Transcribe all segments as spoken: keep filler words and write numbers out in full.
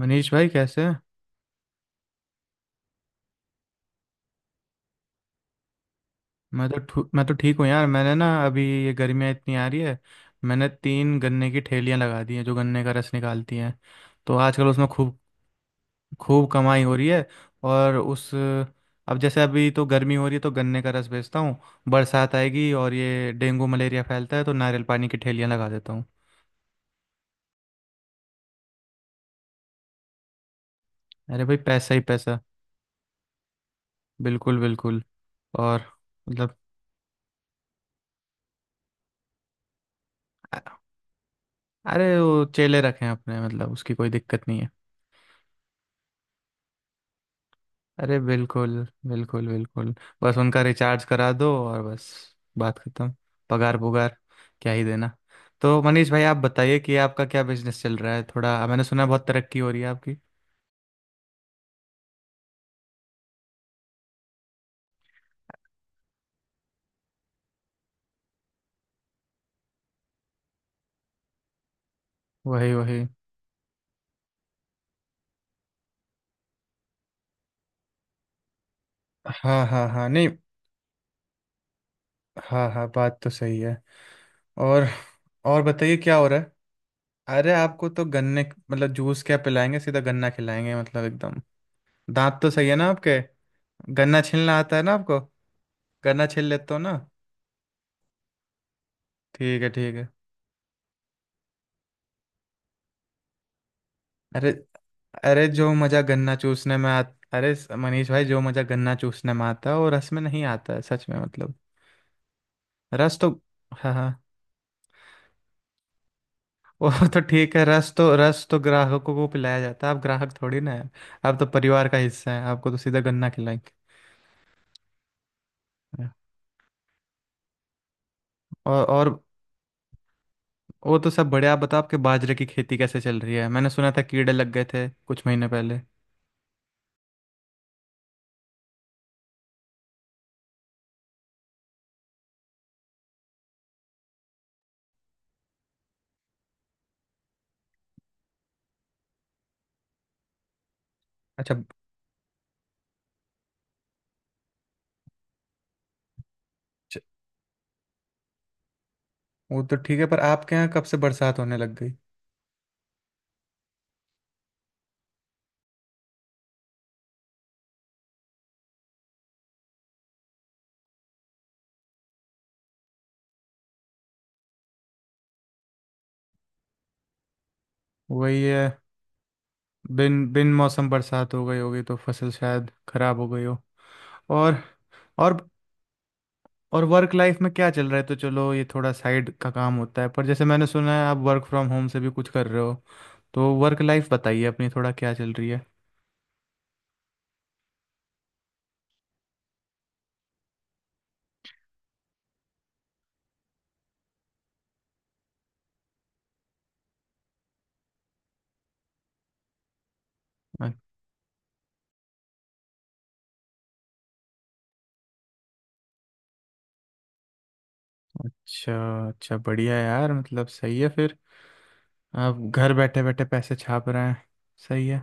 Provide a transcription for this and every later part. मनीष भाई कैसे हैं। मैं तो ठू- मैं तो ठीक हूँ यार। मैंने ना अभी ये गर्मियाँ इतनी आ रही है। मैंने तीन गन्ने की ठेलियाँ लगा दी हैं जो गन्ने का रस निकालती हैं। तो आजकल उसमें खूब खूब कमाई हो रही है। और उस अब जैसे अभी तो गर्मी हो रही है तो गन्ने का रस बेचता हूँ। बरसात आएगी और ये डेंगू मलेरिया फैलता है तो नारियल पानी की ठेलियाँ लगा देता हूँ। अरे भाई पैसा ही पैसा। बिल्कुल बिल्कुल। और मतलब अ- अरे वो चेले रखे हैं अपने मतलब उसकी कोई दिक्कत नहीं है। अरे बिल्कुल। बिल्कुल बिल्कुल। बस उनका रिचार्ज करा दो और बस। बात खत्म। पगार पुगार क्या ही देना। तो मनीष भाई आप बताइए कि आपका क्या बिजनेस चल रहा है, थोड़ा मैंने सुना है बहुत तरक्की हो रही है आपकी। वही वही। हाँ हाँ हाँ नहीं। हाँ हाँ बात तो सही है। और और बताइए क्या हो रहा है। अरे आपको तो गन्ने मतलब जूस क्या पिलाएंगे सीधा गन्ना खिलाएंगे मतलब एकदम। दांत तो सही है ना आपके। गन्ना छीलना आता है ना आपको। गन्ना छील लेते हो ना। ठीक है ठीक है। अरे अरे जो मजा गन्ना चूसने में आ। अरे स- मनीष भाई जो मजा गन्ना चूसने में आता है वो रस में नहीं आता है सच में मतलब। रस तो हाँ हाँ। वो तो ठीक है रस तो रस तो ग्राहकों को पिलाया जाता है। आप ग्राहक थोड़ी ना है। आप तो परिवार का हिस्सा है आपको तो सीधा गन्ना खिलाएंगे। और और। वो तो सब बढ़िया आप बताओ आपके बाजरे की खेती कैसे चल रही है, मैंने सुना था कीड़े लग गए थे कुछ महीने पहले। अच्छा। च- वो तो ठीक है पर आपके यहाँ कब से बरसात होने लग गई। वही है। बिन बिन मौसम बरसात हो गई होगी तो फसल शायद खराब हो गई हो। और और। और वर्क लाइफ में क्या चल रहा है, तो चलो ये थोड़ा साइड का काम होता है पर जैसे मैंने सुना है आप वर्क फ्रॉम होम से भी कुछ कर रहे हो। तो वर्क लाइफ बताइए अपनी थोड़ा क्या चल रही है। अ- अच्छा अच्छा बढ़िया यार मतलब सही है फिर। आप घर बैठे बैठे पैसे छाप रहे हैं। सही है।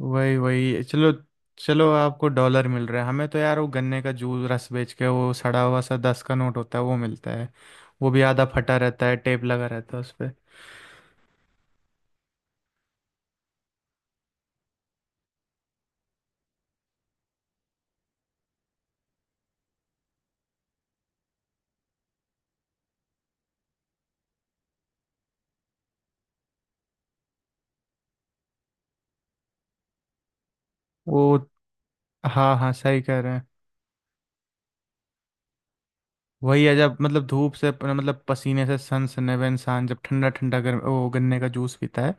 वही वही चलो। चलो आपको डॉलर मिल रहा है हमें तो यार वो गन्ने का जूस रस बेच के वो सड़ा हुआ सा दस का नोट होता है वो मिलता है। वो भी आधा फटा रहता है टेप लगा रहता है उस पे। वो हाँ हाँ सही कह रहे हैं। वही है जब मतलब धूप से अपना- मतलब पसीने से सनसने हुए इंसान जब ठंडा ठंडा गर्म वो गन्ने का जूस पीता है।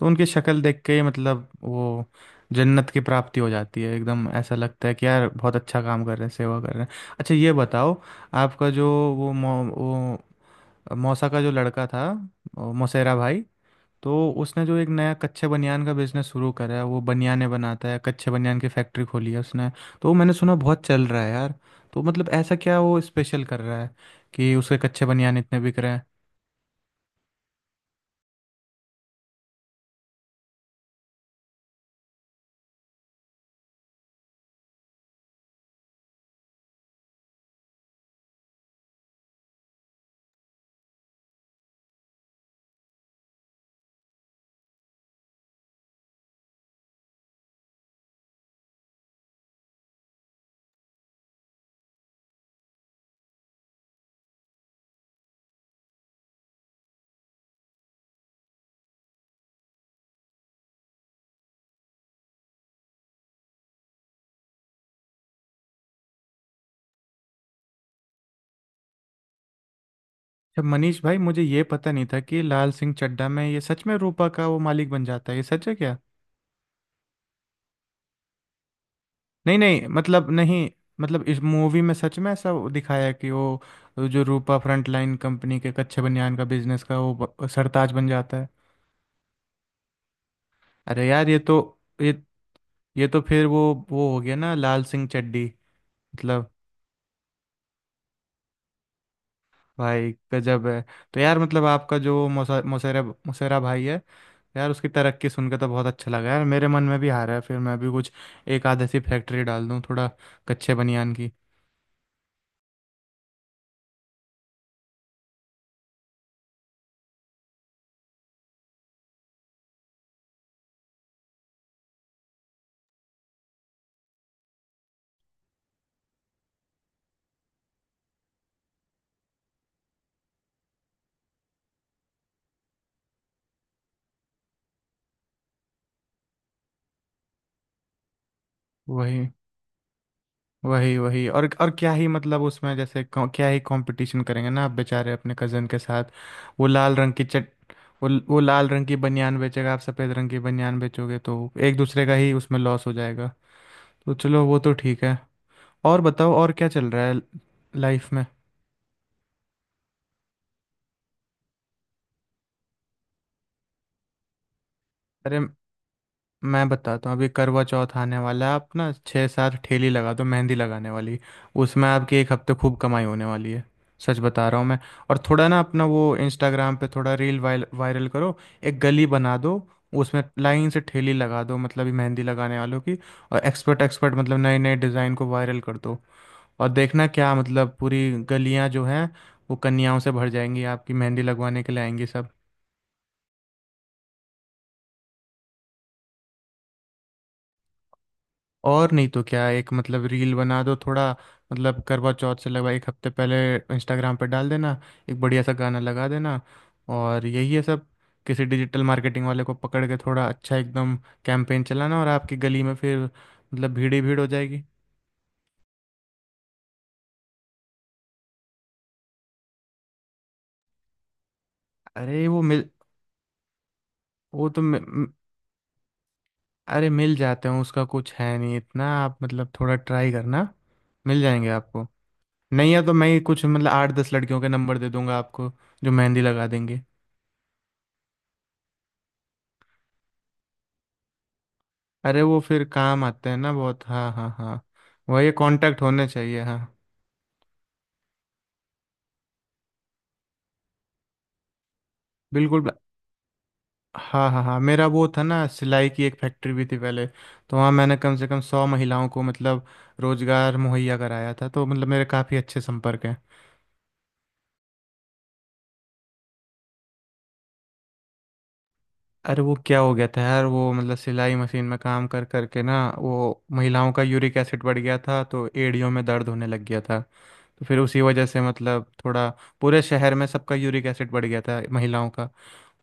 तो उनकी शक्ल देख के ही मतलब वो जन्नत की प्राप्ति हो जाती है एकदम ऐसा लगता है कि यार बहुत अच्छा काम कर रहे हैं सेवा कर रहे हैं। अच्छा ये बताओ। आपका जो वो मो- वो मौसा का जो लड़का था। अ, मौसेरा भाई। तो उसने जो एक नया कच्चे बनियान का बिजनेस शुरू करा है वो बनियाने बनाता है कच्चे बनियान की फैक्ट्री खोली है उसने। तो वो मैंने सुना बहुत चल रहा है यार। तो मतलब ऐसा क्या वो स्पेशल कर रहा है कि उसके कच्चे बनियान इतने बिक रहे हैं। अच्छा मनीष भाई मुझे ये पता नहीं था कि लाल सिंह चड्ढा में ये सच में रूपा का वो मालिक बन जाता है, ये सच है क्या। नहीं नहीं मतलब नहीं। मतलब इस मूवी में सच में ऐसा दिखाया है कि वो जो रूपा फ्रंट लाइन कंपनी के कच्चे बनियान का बिजनेस का वो ब- सरताज बन जाता है। अरे यार ये तो। ये ये तो फिर वो वो हो गया ना लाल सिंह चड्ढी। मतलब। भाई गजब है। तो यार मतलब आपका जो मुसेरा मुसेरा भाई है। यार उसकी तरक्की सुन के तो बहुत अच्छा लगा यार मेरे मन में भी आ रहा है फिर मैं भी कुछ एक आध ऐसी फैक्ट्री डाल दूँ थोड़ा कच्चे बनियान की। वही वही वही। और और क्या ही मतलब उसमें जैसे कौ- क्या ही कंपटीशन करेंगे ना आप बेचारे अपने कजन के साथ। वो लाल रंग की चट। वो वो लाल रंग की बनियान बेचेगा आप सफ़ेद रंग की बनियान बेचोगे तो एक दूसरे का ही उसमें लॉस हो जाएगा। तो चलो वो तो ठीक है। और बताओ और क्या चल रहा है लाइफ में। अरे मैं बताता हूँ अभी करवा चौथ आने वाला है आप ना छः सात ठेली लगा दो मेहंदी लगाने वाली। उसमें आपकी एक हफ्ते खूब कमाई होने वाली है। सच बता रहा हूँ मैं। और थोड़ा ना अपना वो इंस्टाग्राम पे थोड़ा रील वायल वायरल करो। एक गली बना दो। उसमें लाइन से ठेली लगा दो मतलब ये मेहंदी लगाने वालों की। और एक्सपर्ट एक्सपर्ट मतलब नए नए डिज़ाइन को वायरल कर दो। और देखना क्या मतलब पूरी गलियाँ जो हैं वो कन्याओं से भर जाएंगी आपकी मेहंदी लगवाने के लिए आएंगी सब। और नहीं तो क्या एक मतलब रील बना दो थोड़ा मतलब करवा चौथ से लगभग एक हफ्ते पहले इंस्टाग्राम पे डाल देना। एक बढ़िया सा गाना लगा देना। और यही है सब। किसी डिजिटल मार्केटिंग वाले को पकड़ के थोड़ा अच्छा एकदम कैंपेन चलाना और आपकी गली में फिर मतलब भीड़ ही भीड़ हो जाएगी। अरे वो मिल। वो तो मि- म- अरे मिल जाते हैं उसका कुछ है नहीं इतना आप मतलब थोड़ा ट्राई करना। मिल जाएंगे आपको। नहीं है तो मैं ही कुछ मतलब आठ दस लड़कियों के नंबर दे दूंगा आपको जो मेहंदी लगा देंगे। अरे वो फिर काम आते हैं ना बहुत हाँ हाँ हाँ। वही कांटेक्ट होने चाहिए हाँ। बिल्कुल हाँ हाँ हाँ मेरा वो था ना सिलाई की एक फैक्ट्री भी थी पहले तो वहाँ मैंने कम से कम सौ महिलाओं को मतलब रोजगार मुहैया कराया था तो मतलब मेरे काफ़ी अच्छे संपर्क हैं। अरे वो क्या हो गया था यार वो मतलब सिलाई मशीन में काम कर करके ना वो महिलाओं का यूरिक एसिड बढ़ गया था तो एड़ियों में दर्द होने लग गया था। तो फिर उसी वजह से मतलब थोड़ा पूरे शहर में सबका यूरिक एसिड बढ़ गया था महिलाओं का।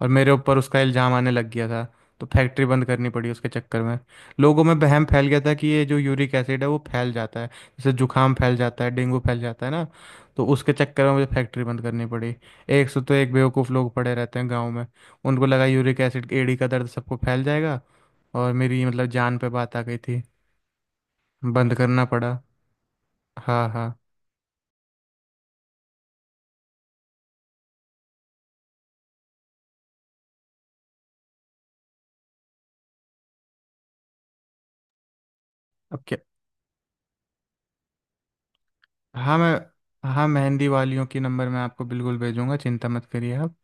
और मेरे ऊपर उसका इल्ज़ाम आने लग गया था। तो फैक्ट्री बंद करनी पड़ी उसके चक्कर में। लोगों में वहम फैल गया था कि ये जो यूरिक एसिड है वो फैल जाता है जैसे जुकाम फैल जाता है डेंगू फैल जाता है ना। तो उसके चक्कर में मुझे फैक्ट्री बंद करनी पड़ी। एक से तो एक बेवकूफ़ लोग पड़े रहते हैं गाँव में। उनको लगा यूरिक एसिड एड़ी का दर्द सबको फैल जाएगा। और मेरी मतलब जान पे बात आ गई थी। बंद करना पड़ा। हाँ हाँ। अब क्या। हाँ मैं। हाँ मेहंदी वालियों की नंबर मैं आपको बिल्कुल भेजूंगा चिंता मत करिए आप।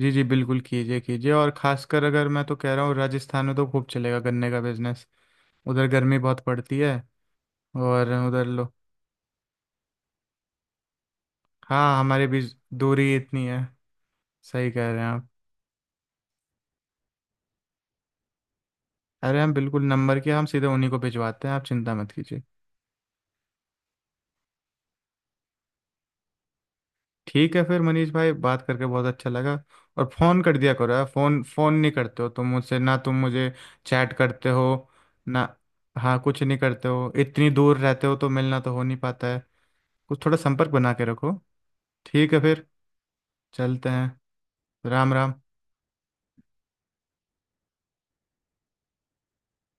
जी जी बिल्कुल कीजिए कीजिए और खासकर अगर मैं तो कह रहा हूँ राजस्थान में तो खूब चलेगा गन्ने का बिजनेस। उधर गर्मी बहुत पड़ती है। और उधर लो। हाँ हमारे बीच दूरी इतनी है। सही कह रहे हैं आप। अरे हम बिल्कुल नंबर के हम सीधे उन्हीं को भिजवाते हैं आप चिंता मत कीजिए। ठीक है फिर मनीष भाई बात करके बहुत अच्छा लगा। और फ़ोन कर दिया करो यार फ़ोन फ़ोन नहीं करते हो तुम मुझसे ना तुम मुझे चैट करते हो ना। हाँ कुछ नहीं करते हो इतनी दूर रहते हो तो मिलना तो हो नहीं पाता है। कुछ थोड़ा संपर्क बना के रखो। ठीक है फिर चलते हैं। राम राम।